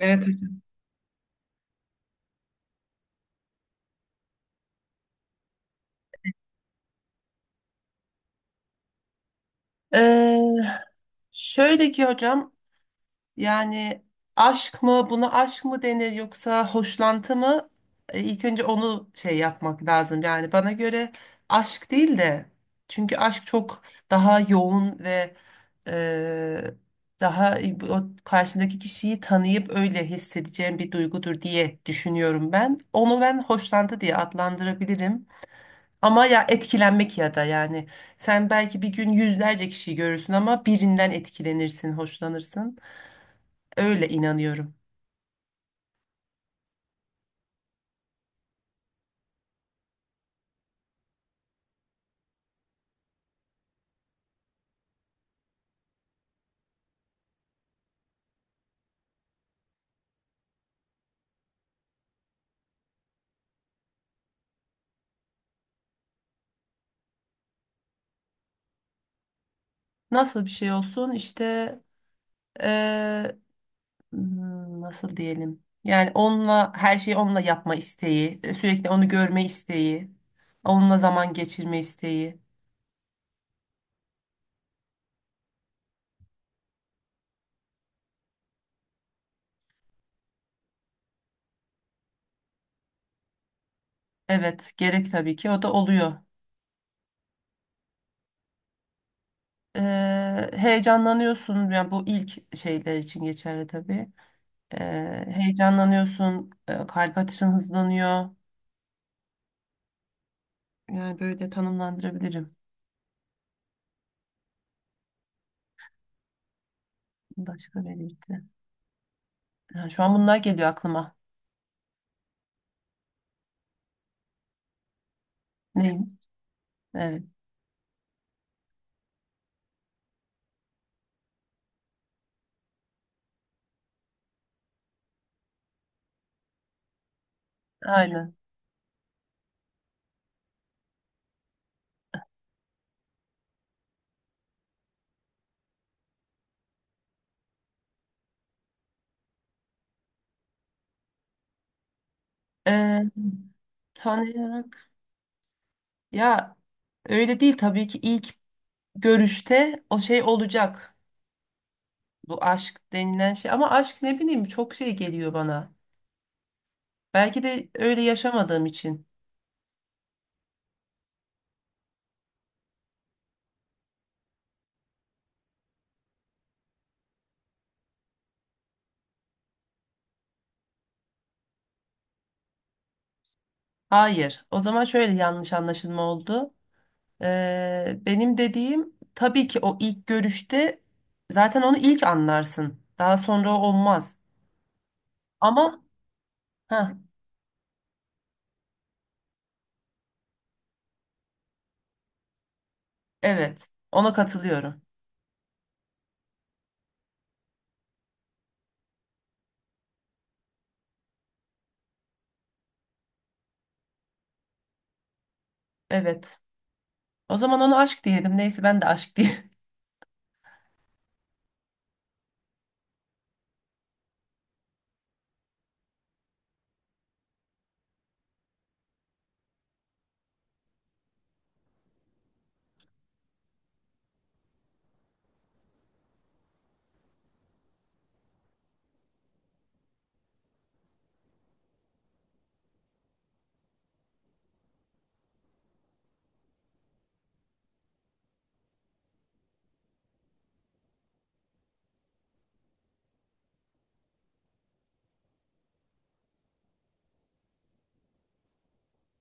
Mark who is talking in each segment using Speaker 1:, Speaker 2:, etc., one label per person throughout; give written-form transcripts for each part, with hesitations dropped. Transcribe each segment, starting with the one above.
Speaker 1: Evet. Hocam. Ee, Şöyle ki hocam, yani aşk mı, buna aşk mı denir yoksa hoşlantı mı? İlk önce onu şey yapmak lazım. Yani bana göre aşk değil de, çünkü aşk çok daha yoğun ve e, daha o karşındaki kişiyi tanıyıp öyle hissedeceğim bir duygudur diye düşünüyorum ben. Onu ben hoşlantı diye adlandırabilirim. Ama ya etkilenmek ya da yani sen belki bir gün yüzlerce kişiyi görürsün ama birinden etkilenirsin, hoşlanırsın. Öyle inanıyorum. Nasıl bir şey olsun işte eee, hmm, nasıl diyelim? Yani onunla her şeyi, onunla yapma isteği, sürekli onu görme isteği, onunla zaman geçirme isteği. Evet, gerek tabii ki, o da oluyor. Heyecanlanıyorsun, yani bu ilk şeyler için geçerli tabii. Heyecanlanıyorsun, kalp atışın hızlanıyor. Yani böyle tanımlandırabilirim. Başka belirti. Ha, şu an bunlar geliyor aklıma. Neyim? Evet, aynen. Ee, Tanıyarak ya, öyle değil tabii ki, ilk görüşte o şey olacak. Bu aşk denilen şey, ama aşk ne bileyim, çok şey geliyor bana. Belki de öyle yaşamadığım için. Hayır. O zaman şöyle yanlış anlaşılma oldu. Benim dediğim tabii ki o ilk görüşte, zaten onu ilk anlarsın. Daha sonra olmaz. Ama ha, evet, ona katılıyorum. Evet. O zaman onu aşk diyelim. Neyse, ben de aşk diye.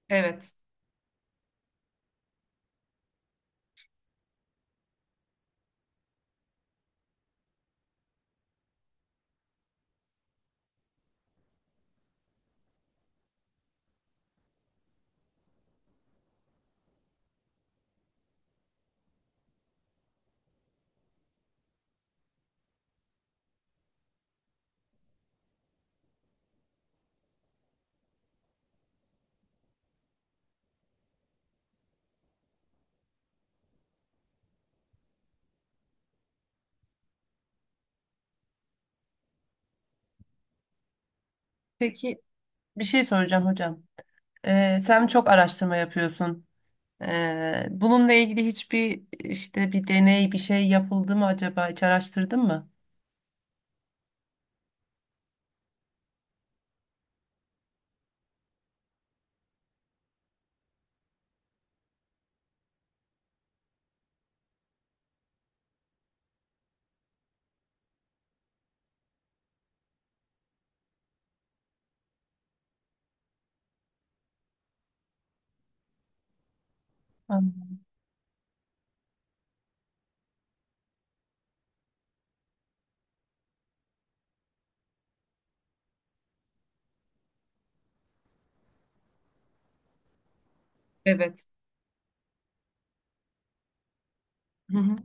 Speaker 1: Evet. Peki, bir şey soracağım hocam. Sen çok araştırma yapıyorsun. Bununla ilgili hiçbir, işte bir deney bir şey yapıldı mı acaba? Hiç araştırdın mı? Anladım. Evet. Hı hı.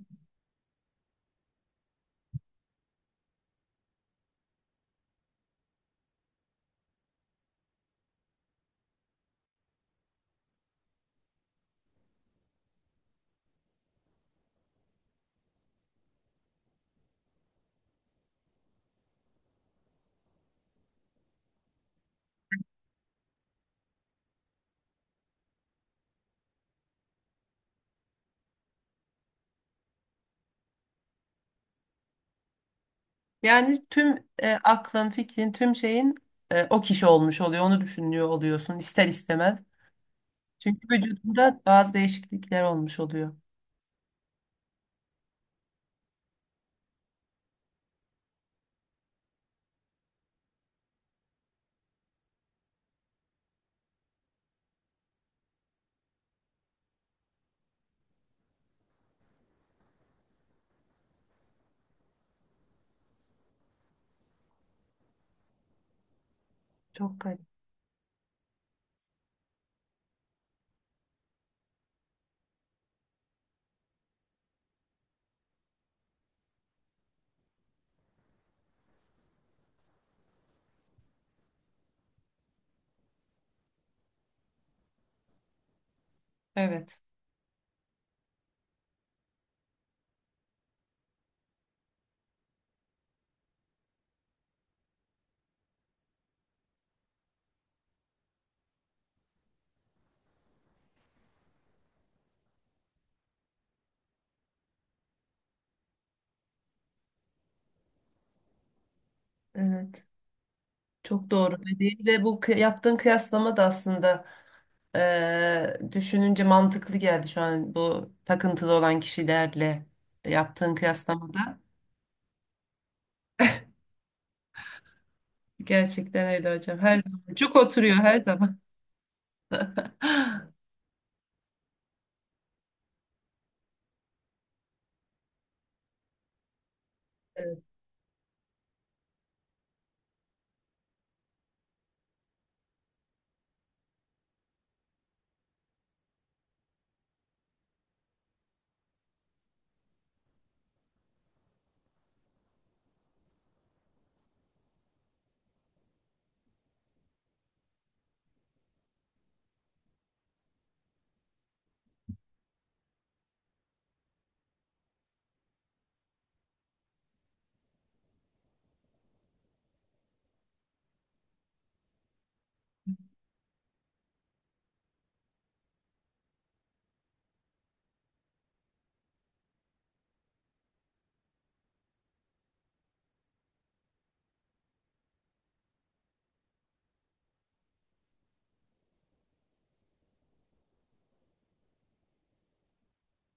Speaker 1: Yani tüm aklın, fikrin, tüm şeyin o kişi olmuş oluyor. Onu düşünüyor oluyorsun ister istemez. Çünkü vücudunda bazı değişiklikler olmuş oluyor. Çok garip. Evet. Evet. Çok doğru dediğim, ve bu yaptığın kıyaslama da aslında düşününce mantıklı geldi şu an, bu takıntılı olan kişilerle yaptığın kıyaslamada. Gerçekten öyle hocam. Her zaman cuk oturuyor, her zaman. Evet.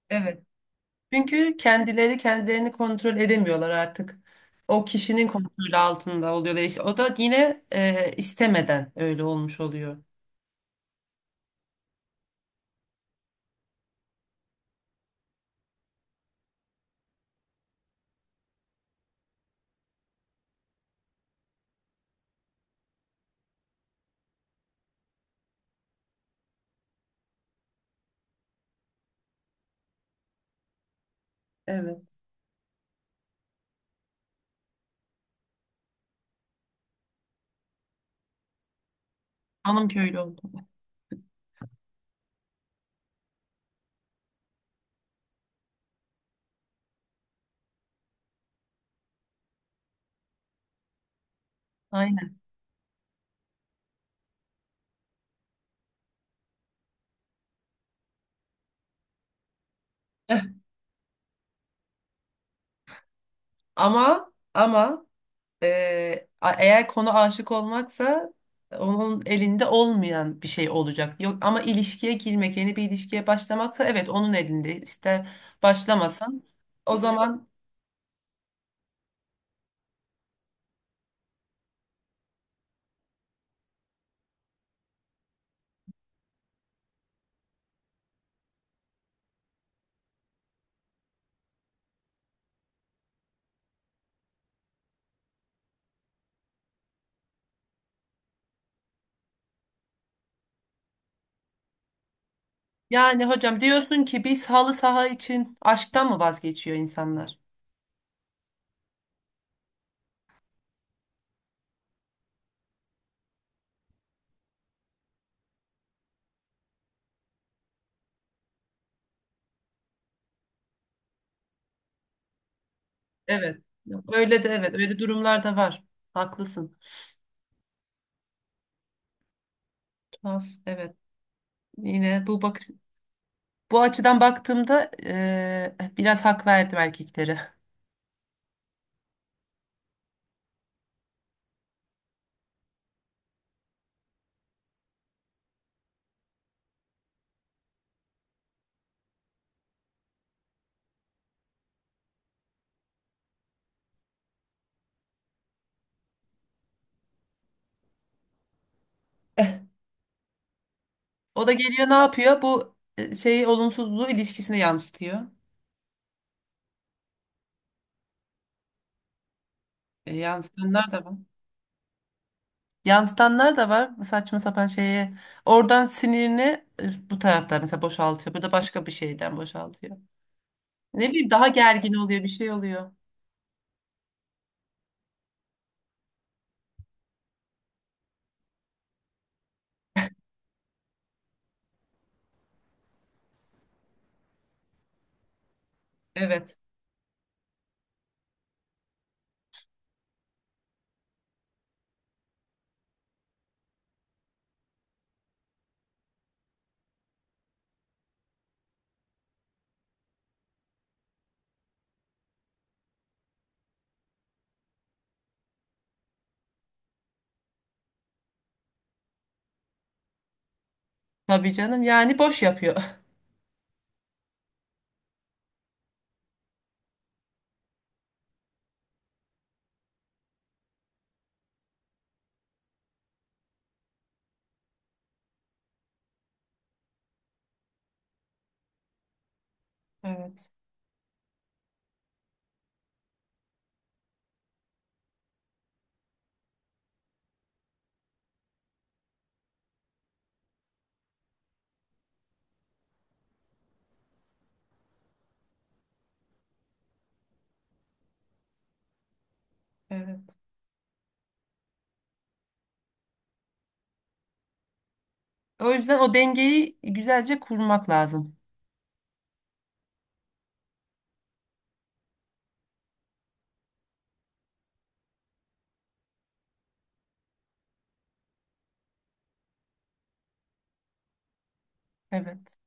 Speaker 1: Evet. Çünkü kendileri kendilerini kontrol edemiyorlar artık. O kişinin kontrolü altında oluyorlar. İşte o da yine istemeden öyle olmuş oluyor. Evet. Hanım köylü oldu. Aynen. Ama eğer konu aşık olmaksa, onun elinde olmayan bir şey olacak. Yok, ama ilişkiye girmek, yeni bir ilişkiye başlamaksa, evet, onun elinde. İster başlamasın. O zaman yani hocam, diyorsun ki biz halı saha için aşktan mı vazgeçiyor insanlar? Evet. Öyle de evet. Öyle durumlar da var. Haklısın. Tuhaf. Evet. Yine bu bakış, bu açıdan baktığımda biraz hak verdim erkeklere. O da geliyor, ne yapıyor? Bu şeyi, olumsuzluğu ilişkisine yansıtıyor. Yansıtanlar da var. Yansıtanlar da var bu saçma sapan şeye. Oradan sinirini bu tarafta mesela boşaltıyor. Bu da başka bir şeyden boşaltıyor. Ne bileyim, daha gergin oluyor, bir şey oluyor. Evet. Tabii canım, yani boş yapıyor. Evet, evet, O yüzden o dengeyi güzelce kurmak lazım. Evet.